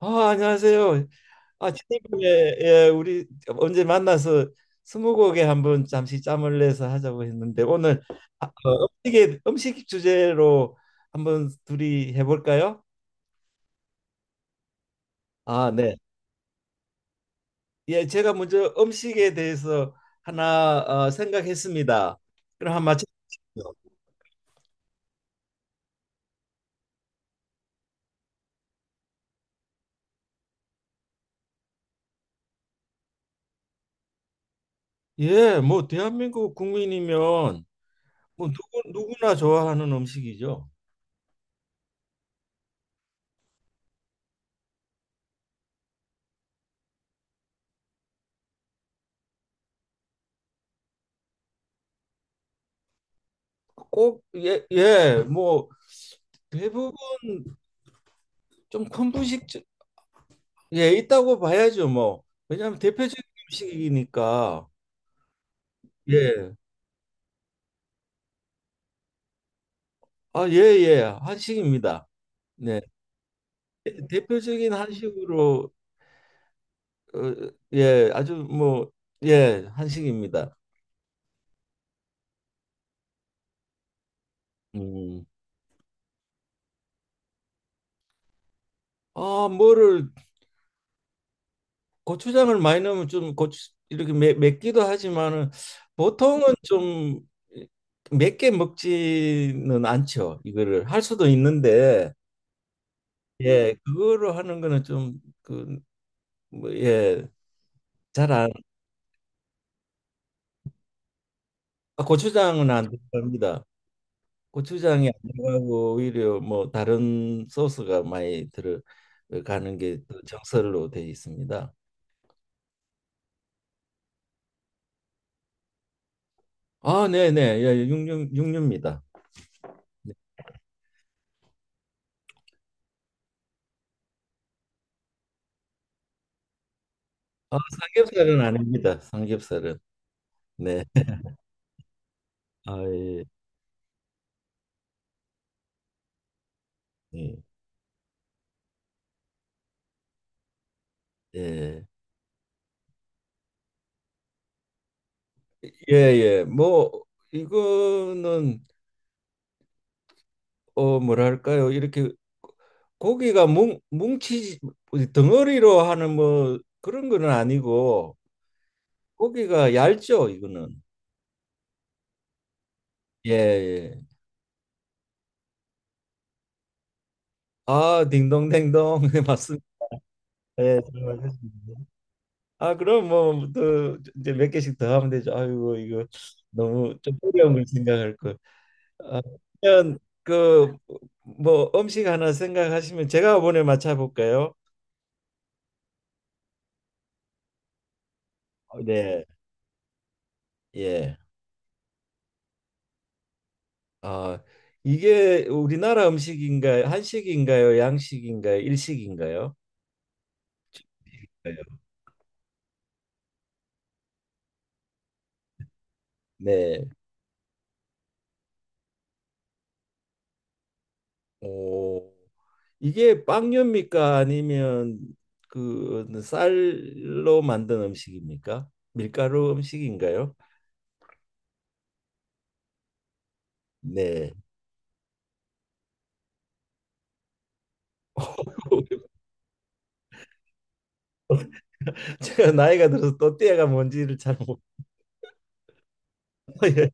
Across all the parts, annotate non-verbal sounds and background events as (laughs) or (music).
아, 안녕하세요. 아, 지난번에 예, 우리 언제 만나서 스무고개 한번 잠시 짬을 내서 하자고 했는데 오늘 아, 어, 음식 주제로 한번 둘이 해볼까요? 아, 네. 예, 제가 먼저 음식에 대해서 하나 생각했습니다. 그럼 한번 맞춰보시죠. 예, 뭐 대한민국 국민이면 뭐 누구나 좋아하는 음식이죠. 꼭 예, 예, 뭐 대부분 좀 큰 분식 예 있다고 봐야죠. 뭐 왜냐하면 대표적인 음식이니까 예. 아 예 예 한식입니다. 네. 대표적인 한식으로, 어, 예 아주 뭐 예 한식입니다. 음. 아 뭐를, 고추장을 많이 넣으면 좀 고추 이렇게 맵기도 하지만은 보통은 좀 맵게 먹지는 않죠. 이거를 할 수도 있는데 예, 그거로 하는 거는 좀그 뭐, 예, 잘 안, 아, 고추장은 안 들어갑니다. 고추장이 안 들어가고 오히려 뭐 다른 소스가 많이 들어가는 게또 정설로 되어 있습니다. 아, 네, 네, 예, 예. 육류입니다. 아, 삼겹살은 아닙니다. 삼겹살은 네, 아, 예, 예, 예, 예, 예. 뭐 이거는 어 뭐랄까요? 이렇게 고기가 뭉 뭉치 덩어리로 하는 뭐 그런 거는 아니고. 고기가 얇죠, 이거는. 예, 예. 아, 딩동댕동. (laughs) 맞습니다. 예, 잘 맞으습니다. 아, 그럼 뭐, 또, 이제 몇 개씩 더 하면 되죠. 아이고, 이거 너무 좀 어려운 걸 생각할 거. 아, 그러면 그, 뭐, 음식 하나 생각하시면 제가 이번에 맞춰볼까요? 어, 네, 예. 아, 이게 우리나라 음식인가요? 한식인가요? 양식인가요? 일식인가요? 네. 네. 오. 이게 빵류입니까? 아니면 그 쌀로 만든 음식입니까? 밀가루 음식인가요? 네. (laughs) 제가 나이가 들어서 또띠아가 뭔지를 잘 못. (laughs) 예.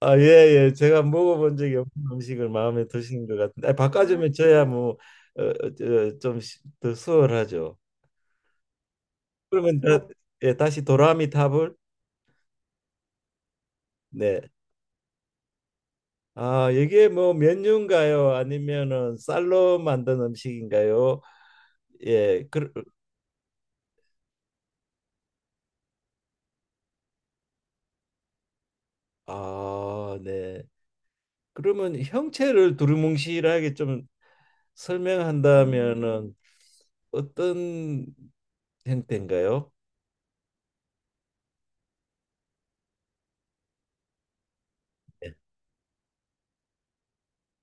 아, 예, 예. 제가 먹어본 적이 없는 음식을 마음에 드시는 것 같은데, 아, 바꿔주면 저야 뭐, 좀더 수월하죠. 그러면 다, 예, 다시 도라미 탑을. 네. 아, 이게 뭐 면류인가요? 아니면은 쌀로 만든 음식인가요? 예, 그, 아, 네. 그러면 형체를 두루뭉실하게 좀 설명한다면은 어떤 형태인가요?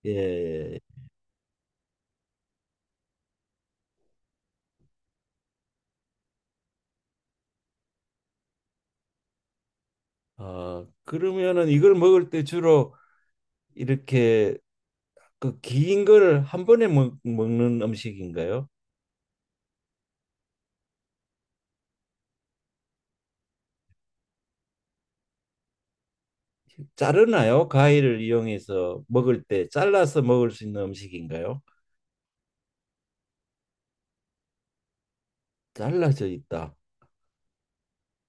예. 예. 아, 그러면은 이걸 먹을 때 주로 이렇게 그 긴 거를 한 번에 먹는 음식인가요? 자르나요? 가위를 이용해서 먹을 때 잘라서 먹을 수 있는 음식인가요? 잘라져 있다.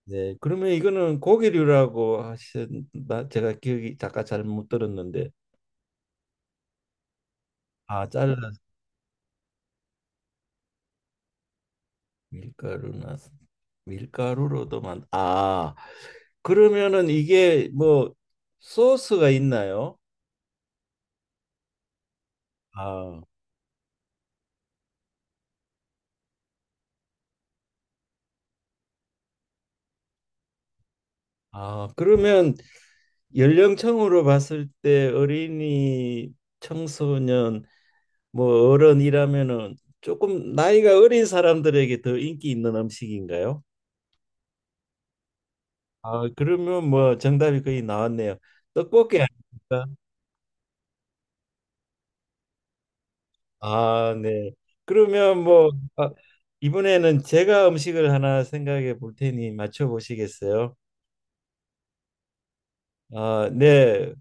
네. 그러면 이거는 고기류라고 하셨나? 제가 기억이 잠깐 잘 못 들었는데, 아, 잘라서 밀가루나 밀가루로도 만. 아, 그러면은 이게 뭐 소스가 있나요? 아, 아, 그러면 연령층으로 봤을 때 어린이, 청소년, 뭐 어른이라면은 조금 나이가 어린 사람들에게 더 인기 있는 음식인가요? 아, 그러면 뭐 정답이 거의 나왔네요. 떡볶이 아닙니까? 아, 네. 그러면 뭐, 아, 이번에는 제가 음식을 하나 생각해 볼 테니 맞춰 보시겠어요? 아, 네.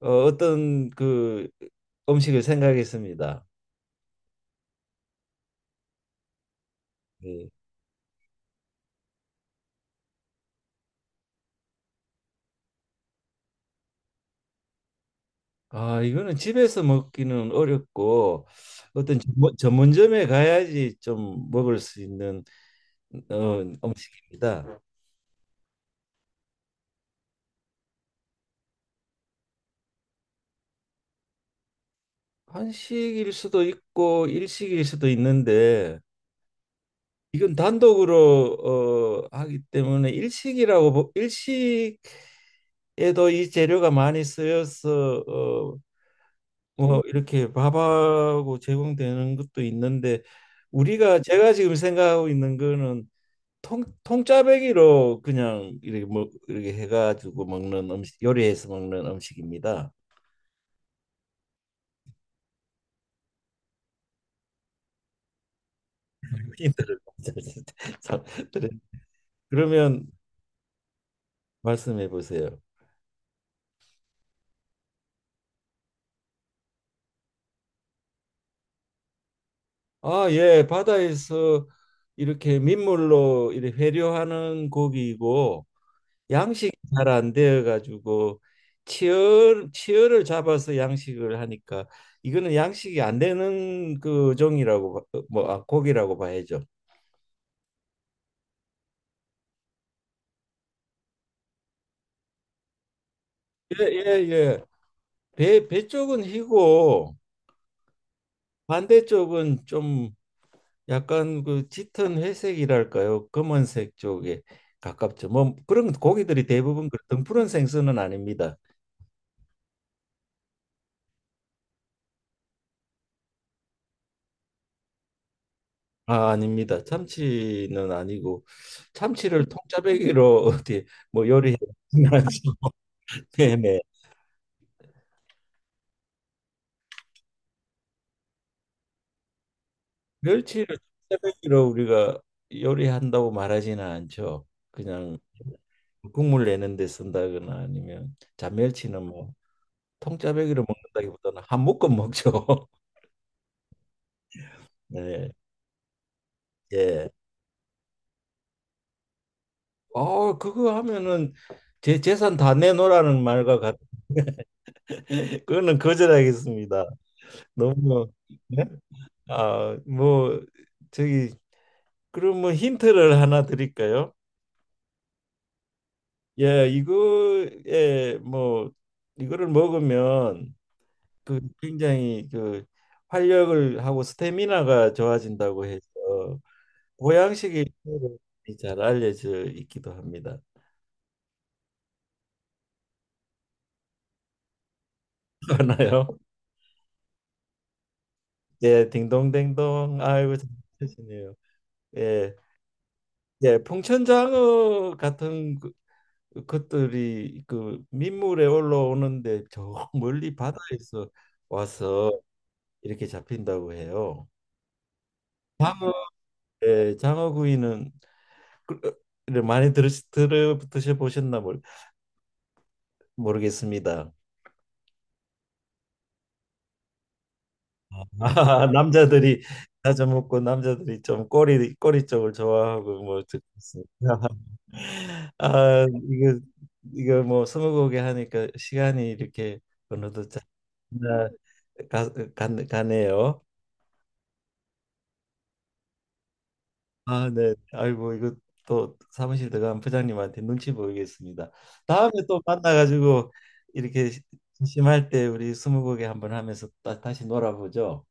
어, 어떤 그 음식을 생각했습니다. 네. 아, 이거는 집에서 먹기는 어렵고 어떤 전문점에 가야지 좀 먹을 수 있는 어, 음식입니다. 한식일 수도 있고 일식일 수도 있는데 이건 단독으로 어, 하기 때문에 일식이라고 일식에도 이 재료가 많이 쓰여서 어, 뭐 이렇게 밥하고 제공되는 것도 있는데 우리가 제가 지금 생각하고 있는 거는 통 통짜배기로 그냥 이렇게 뭐 이렇게 해가지고 먹는 음식 요리해서 먹는 음식입니다. (laughs) 흔히들 (laughs) 그러면 말씀해 보세요. 아, 예, 바다에서 이렇게 민물로 이렇게 회류하는 고기이고 양식이 잘 안 되어 가지고 치열을 잡아서 양식을 하니까 이거는 양식이 안 되는 그 종이라고 봐- 어, 뭐 아, 고기라고 봐야죠. 예, 예, 예. 배 쪽은 희고 반대쪽은 좀 약간 그 짙은 회색이랄까요? 검은색 쪽에 가깝죠. 뭐 그런 고기들이 대부분 그 등푸른 생선은 아닙니다. 아, 아닙니다. 참치는 아니고 참치를 통짜배기로 (laughs) 어디 뭐 요리해 (laughs) 네네. 멸치를 통짜배기로 우리가 요리한다고 말하지는 않죠. 그냥 국물 내는데 쓴다거나 아니면 잔멸치는 뭐 통짜배기로 먹는다기보다는 한 묶음 먹죠. (laughs) 네. 예. 어, 그거 하면은 제 재산 다 내놓으라는 말과 같. (laughs) 그거는 거절하겠습니다. 너무 네. 아, 뭐 저기 그럼 뭐 힌트를 하나 드릴까요? 예, 이거에 뭐 이거를 먹으면 그 굉장히 그 활력을 하고 스태미나가 좋아진다고 해서 보양식이 잘 알려져 있기도 합니다. (laughs) 하나요? 예, 딩동댕동. 아이고 잘 드시네요. 예, 예, 풍천장어 같은 그 것들이 그 민물에 올라오는데 저 (laughs) 멀리 바다에서 와서 이렇게 잡힌다고 해요. 장어, 예, 장어구이는 그- 를 많이 들어 드셔 보셨나 모르겠습니다. 아, (laughs) 남자들이 자주 먹고 남자들이 좀 꼬리 쪽을 좋아하고 뭐 듣습니다. (laughs) 아 이거 이거 뭐 스무고개 하니까 시간이 이렇게 어느덧 잘 가, 가네요. 아, 네. 아이고, 이거 또 사무실 들어간 부장님한테 눈치 보이겠습니다. 다음에 또 만나가지고 이렇게 심심할 때 우리 스무고개 한번 하면서 다시 놀아보죠.